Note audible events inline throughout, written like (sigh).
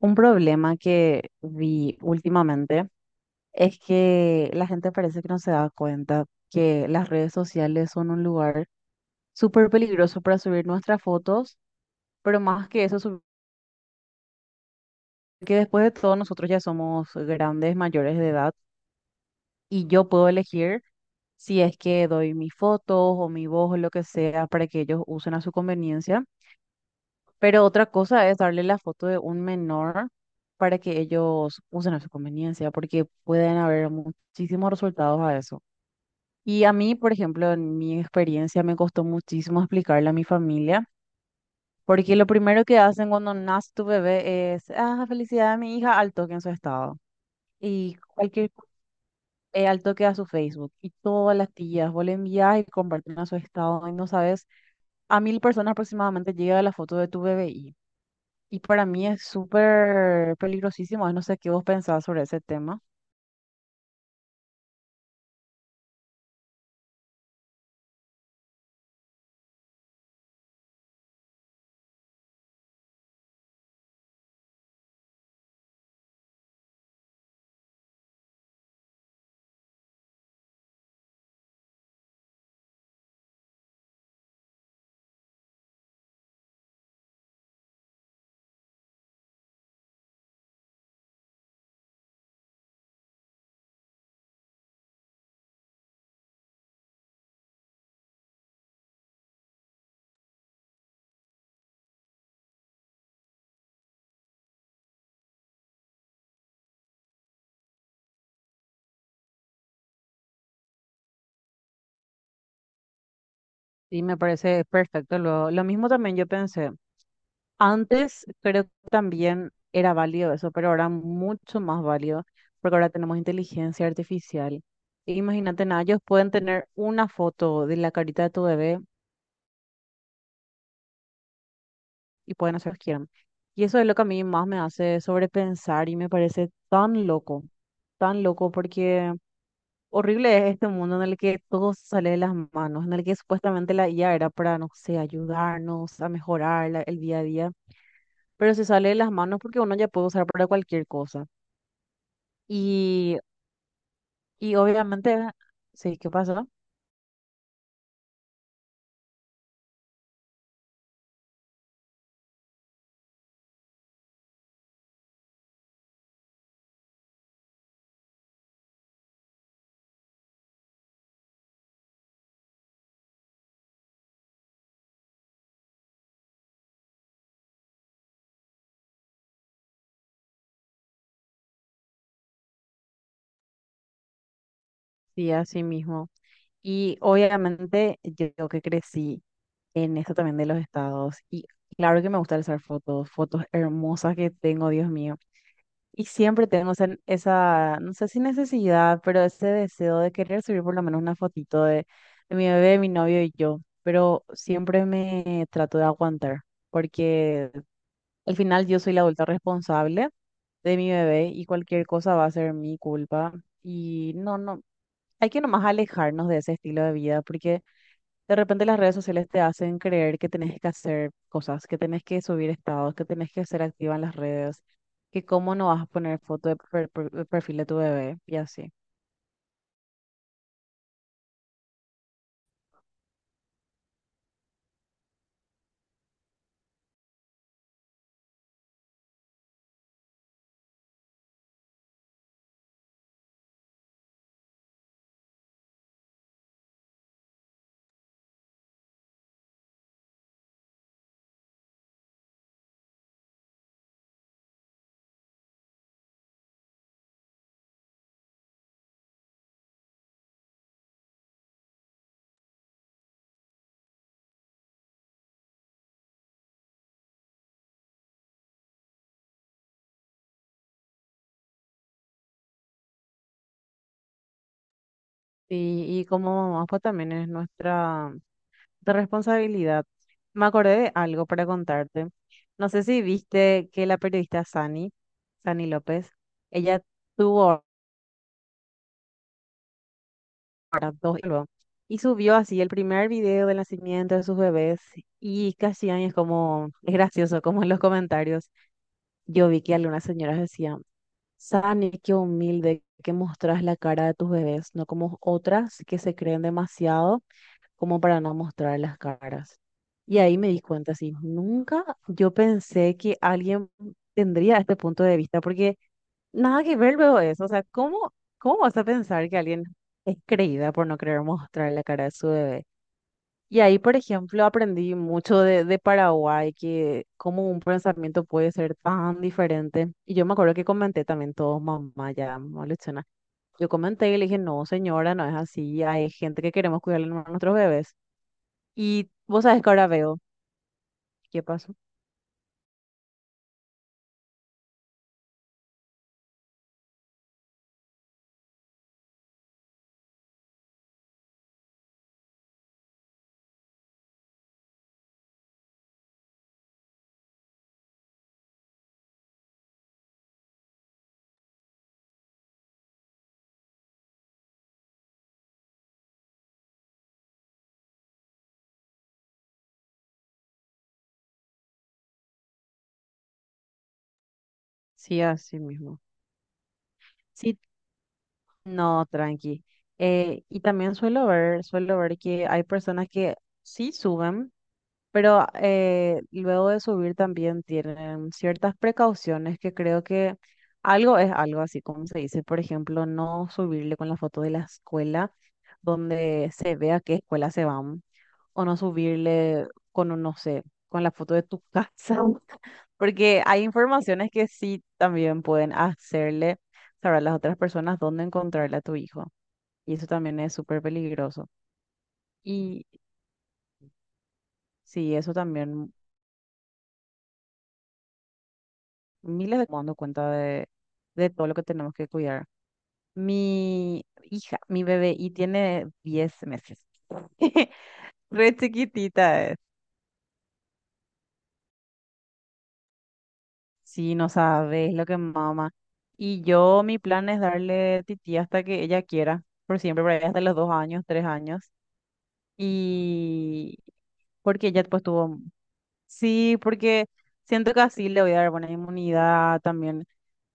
Un problema que vi últimamente es que la gente parece que no se da cuenta que las redes sociales son un lugar súper peligroso para subir nuestras fotos, pero más que eso, que después de todo nosotros ya somos grandes, mayores de edad, y yo puedo elegir si es que doy mis fotos o mi voz o lo que sea para que ellos usen a su conveniencia. Pero otra cosa es darle la foto de un menor para que ellos usen a su conveniencia, porque pueden haber muchísimos resultados a eso. Y a mí, por ejemplo, en mi experiencia me costó muchísimo explicarle a mi familia, porque lo primero que hacen cuando nace tu bebé es, ah, felicidad de mi hija, al toque en su estado. Y cualquier, al toque a su Facebook. Y todas las tías, vos le envías y comparten a su estado. Y no sabes, a 1000 personas aproximadamente llega la foto de tu bebé. Y para mí es súper peligrosísimo, no sé qué vos pensabas sobre ese tema. Y me parece perfecto. Lo mismo también yo pensé. Antes creo que también era válido eso, pero ahora mucho más válido, porque ahora tenemos inteligencia artificial. E imagínate, nada, ellos pueden tener una foto de la carita de tu bebé y pueden hacer lo que quieran. Y eso es lo que a mí más me hace sobrepensar y me parece tan loco porque... Horrible es este mundo en el que todo sale de las manos, en el que supuestamente la IA era para, no sé, ayudarnos a mejorar el día a día, pero se sale de las manos porque uno ya puede usar para cualquier cosa. Y, y obviamente, sí, ¿qué pasó? Sí, así mismo. Y obviamente yo que crecí en esto también de los estados, y claro que me gusta usar fotos, fotos hermosas que tengo, Dios mío. Y siempre tenemos esa, no sé si necesidad, pero ese deseo de querer subir por lo menos una fotito de mi bebé, mi novio y yo. Pero siempre me trato de aguantar, porque al final yo soy la adulta responsable de mi bebé y cualquier cosa va a ser mi culpa. Y no, hay que nomás alejarnos de ese estilo de vida, porque de repente las redes sociales te hacen creer que tenés que hacer cosas, que tenés que subir estados, que tenés que ser activa en las redes, que cómo no vas a poner foto de, de perfil de tu bebé y así. Y como mamá, pues también es nuestra de responsabilidad. Me acordé de algo para contarte. No sé si viste que la periodista Sani, Sani López, ella tuvo, ¿verdad? Dos y luego. Y subió así el primer video del nacimiento de sus bebés y casi ahí es como, es gracioso, como en los comentarios. Yo vi que algunas señoras decían, Sani, qué humilde que mostras la cara de tus bebés, no como otras que se creen demasiado como para no mostrar las caras. Y ahí me di cuenta, así, nunca yo pensé que alguien tendría este punto de vista, porque nada que ver luego eso. O sea, ¿cómo, cómo vas a pensar que alguien es creída por no querer mostrar la cara de su bebé? Y ahí, por ejemplo, aprendí mucho de Paraguay, que cómo un pensamiento puede ser tan diferente. Y yo me acuerdo que comenté también todo, mamá, ya, mamá Luchana. Yo comenté y le dije, no, señora, no es así. Hay gente que queremos cuidarle a nuestros bebés. Y vos sabés que ahora veo qué pasó. Sí, así mismo. Sí. No, tranqui. Y también suelo ver que hay personas que sí suben, pero luego de subir también tienen ciertas precauciones que creo que algo es algo, así como se dice. Por ejemplo, no subirle con la foto de la escuela donde se vea qué escuela se van, o no subirle con, un, no sé, con la foto de tu casa. (laughs) Porque hay informaciones que sí también pueden hacerle saber a las otras personas dónde encontrarle a tu hijo. Y eso también es súper peligroso. Y sí, eso también, miles de dando cuenta de todo lo que tenemos que cuidar. Mi hija, mi bebé, y tiene 10 meses. (laughs) Re chiquitita es. Sí, no sabes lo que mama. Y yo, mi plan es darle tití hasta que ella quiera, por siempre, por ahí hasta los 2 años, 3 años. Y porque ella pues tuvo, sí, porque siento que así le voy a dar buena inmunidad también.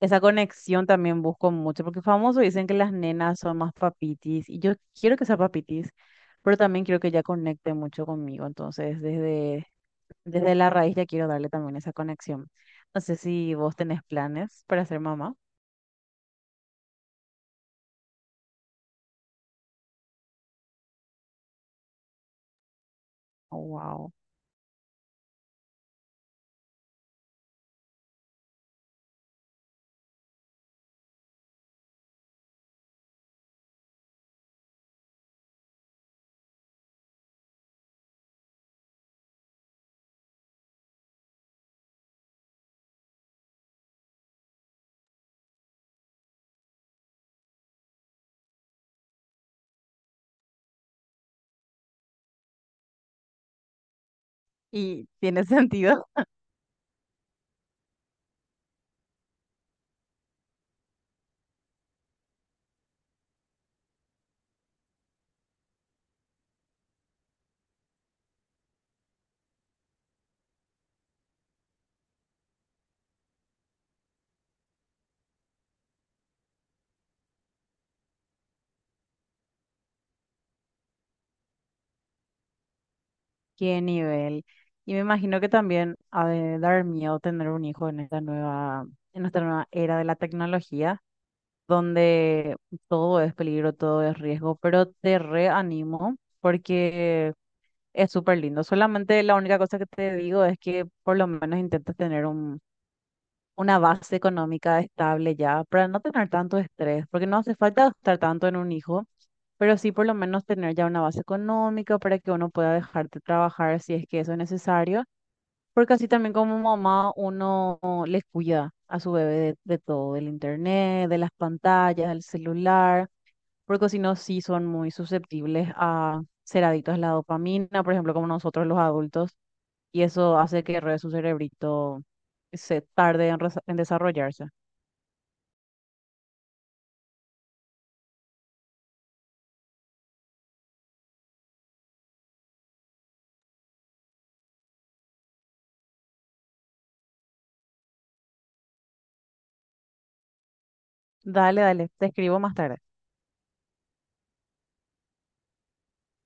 Esa conexión también busco mucho, porque famoso dicen que las nenas son más papitis, y yo quiero que sea papitis, pero también quiero que ella conecte mucho conmigo, entonces desde la raíz ya quiero darle también esa conexión. No sé si vos tenés planes para ser mamá. Oh, wow. Y tiene (laughs) sentido. Qué nivel. Y me imagino que también ha de dar miedo tener un hijo en esta nueva era de la tecnología, donde todo es peligro, todo es riesgo, pero te reanimo porque es súper lindo. Solamente la única cosa que te digo es que por lo menos intentes tener un una base económica estable ya para no tener tanto estrés, porque no hace falta gastar tanto en un hijo, pero sí por lo menos tener ya una base económica para que uno pueda dejar de trabajar si es que eso es necesario, porque así también como mamá uno les cuida a su bebé de todo, del internet, de las pantallas, del celular, porque si no, sí son muy susceptibles a ser adictos a la dopamina, por ejemplo, como nosotros los adultos, y eso hace que re su cerebrito se tarde en, en desarrollarse. Dale, dale, te escribo más tarde.